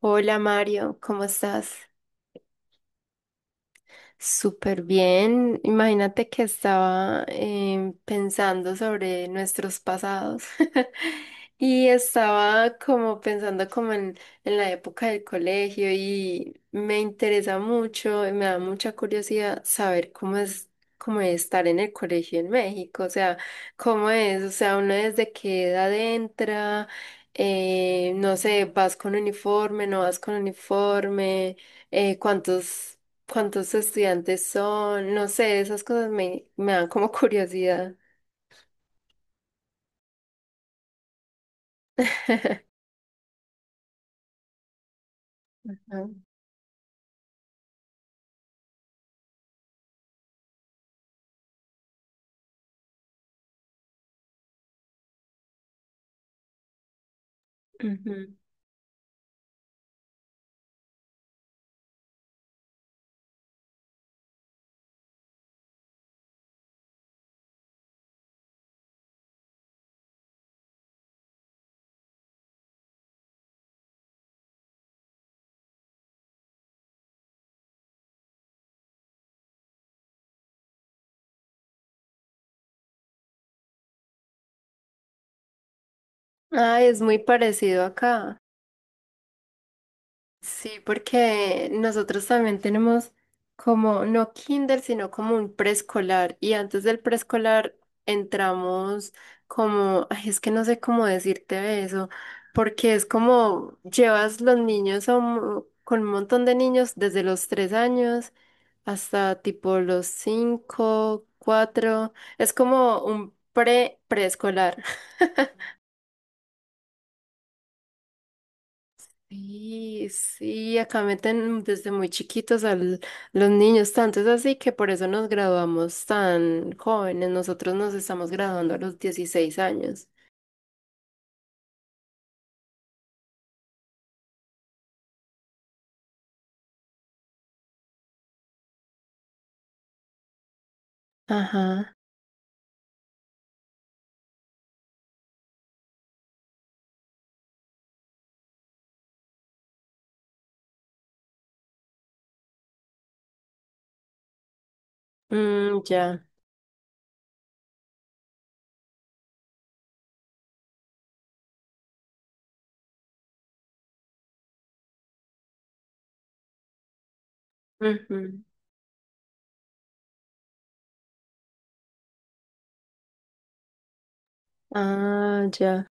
Hola Mario, ¿cómo estás? Súper bien. Imagínate que estaba pensando sobre nuestros pasados y estaba como pensando en la época del colegio y me interesa mucho, y me da mucha curiosidad saber cómo es estar en el colegio en México, o sea, cómo es, o sea, uno desde qué edad entra, no sé, vas con uniforme, no vas con uniforme, eh, cuántos ¿Cuántos estudiantes son? No sé, esas cosas me dan como curiosidad. Ah, ujú. Ay, es muy parecido acá. Sí, porque nosotros también tenemos como, no kinder, sino como un preescolar. Y antes del preescolar entramos como, ay, es que no sé cómo decirte de eso, porque es como llevas los niños a con un montón de niños desde los tres años hasta tipo los cinco, cuatro. Es como un pre preescolar. Sí, sí, acá meten desde muy chiquitos a los niños, tanto es así que por eso nos graduamos tan jóvenes. Nosotros nos estamos graduando a los 16 años. Ajá. Mm, ya. Ujú. Ah, ya.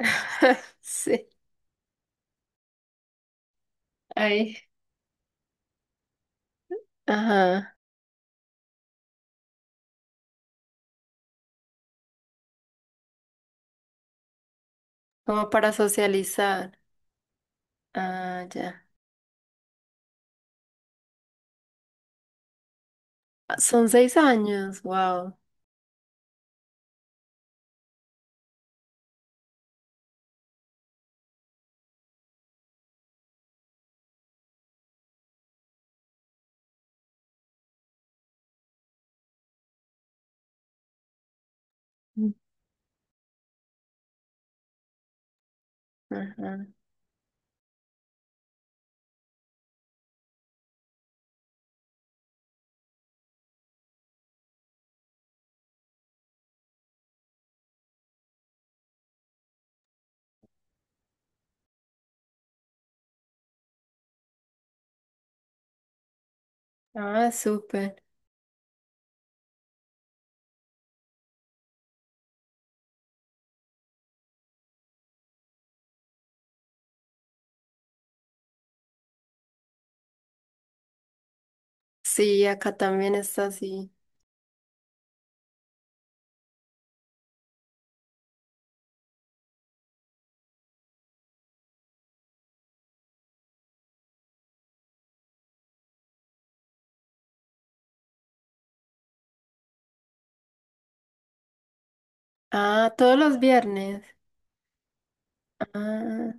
Sí. Ay. Ajá. Como para socializar. Ah, ya. Ah, son 6 años. Wow. Ajá. Ah, súper. Sí, acá también está así. Ah, todos los viernes. Ah,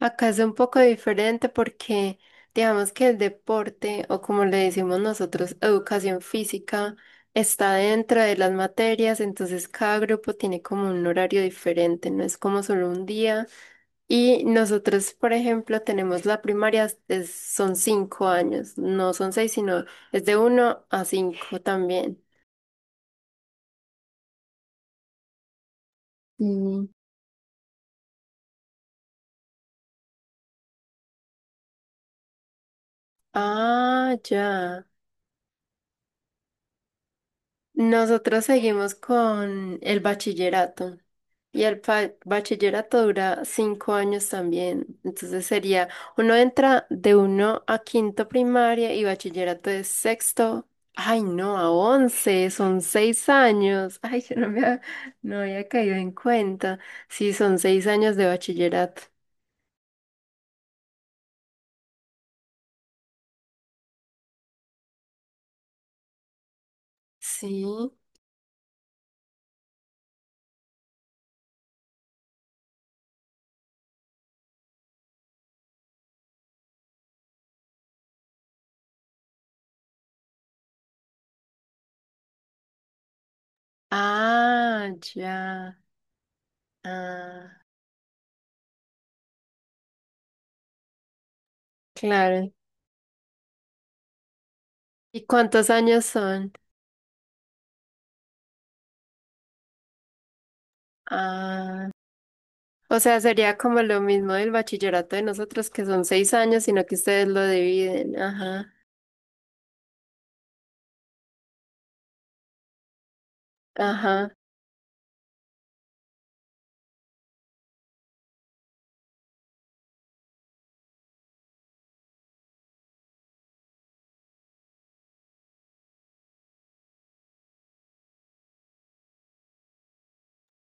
acá es un poco diferente porque digamos que el deporte, o como le decimos nosotros, educación física, está dentro de las materias, entonces cada grupo tiene como un horario diferente, no es como solo un día. Y nosotros, por ejemplo, tenemos la primaria, son 5 años, no son seis, sino es de uno a cinco también. Mm. Ah, ya. Nosotros seguimos con el bachillerato. Y el bachillerato dura 5 años también. Entonces sería, uno entra de uno a quinto primaria y bachillerato de sexto. Ay, no, a once, son 6 años. Ay, yo no me ha- no había caído en cuenta. Sí, son seis años de bachillerato. Sí. Ah, ya. Ah, claro. ¿Y cuántos años son? Ah. O sea, sería como lo mismo del bachillerato de nosotros, que son 6 años, sino que ustedes lo dividen. Ajá, ajá,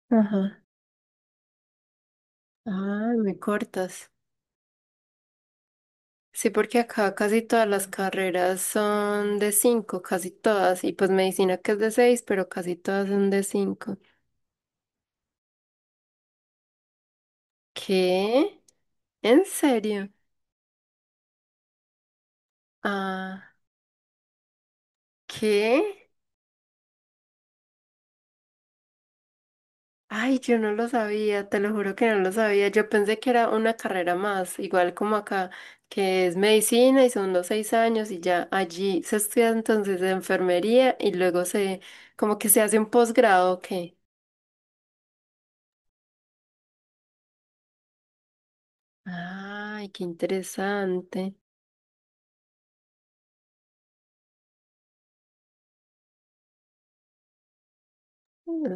ajá. Ah, me cortas. Sí, porque acá casi todas las carreras son de cinco, casi todas. Y pues medicina que es de seis, pero casi todas son de cinco. ¿Qué? ¿En serio? Ah, ¿qué? Ay, yo no lo sabía, te lo juro que no lo sabía. Yo pensé que era una carrera más, igual como acá, que es medicina y son los 6 años y ya allí se estudia entonces enfermería y luego como que se hace un posgrado, ¿qué? Ay, qué interesante.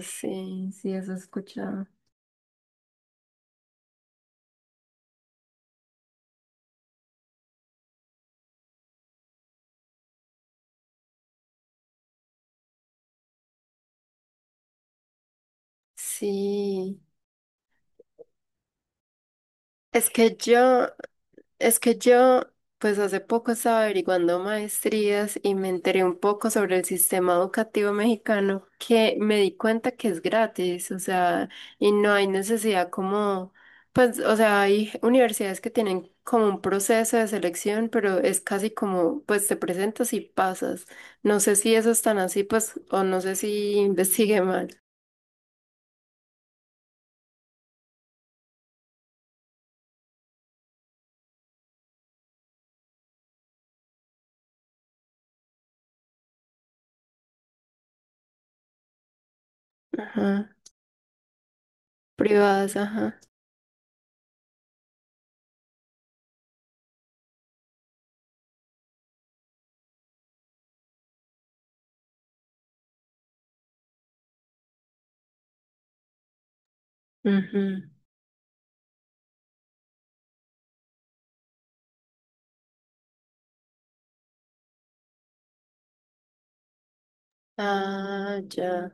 Sí, sí, eso he escuchado. Sí, es que yo, Es que yo, pues hace poco estaba averiguando maestrías y me enteré un poco sobre el sistema educativo mexicano, que me di cuenta que es gratis, o sea, y no hay necesidad como, pues, o sea, hay universidades que tienen como un proceso de selección, pero es casi como, pues te presentas y pasas. No sé si eso es tan así, pues, o no sé si investigué mal. Ajá. Privadas, ajá. Ujú. Ah, ya.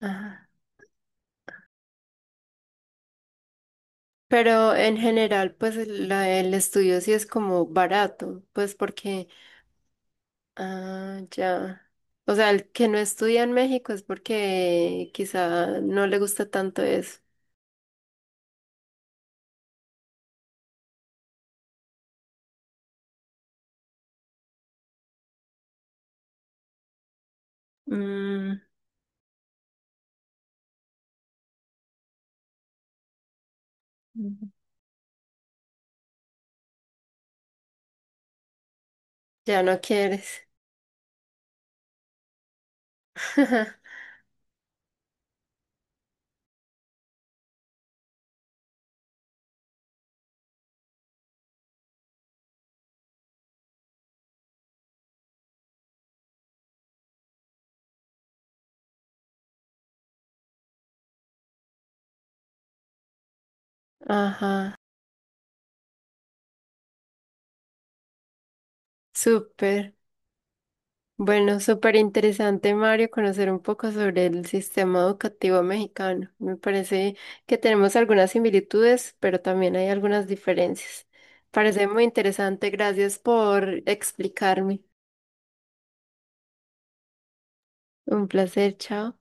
Ajá. Pero en general, pues el estudio sí es como barato, pues porque, ah, ya. O sea, el que no estudia en México es porque quizá no le gusta tanto eso. Mm, ya no quieres. Ajá, súper. Bueno, súper interesante, Mario, conocer un poco sobre el sistema educativo mexicano. Me parece que tenemos algunas similitudes, pero también hay algunas diferencias. Parece muy interesante. Gracias por explicarme. Un placer, chao.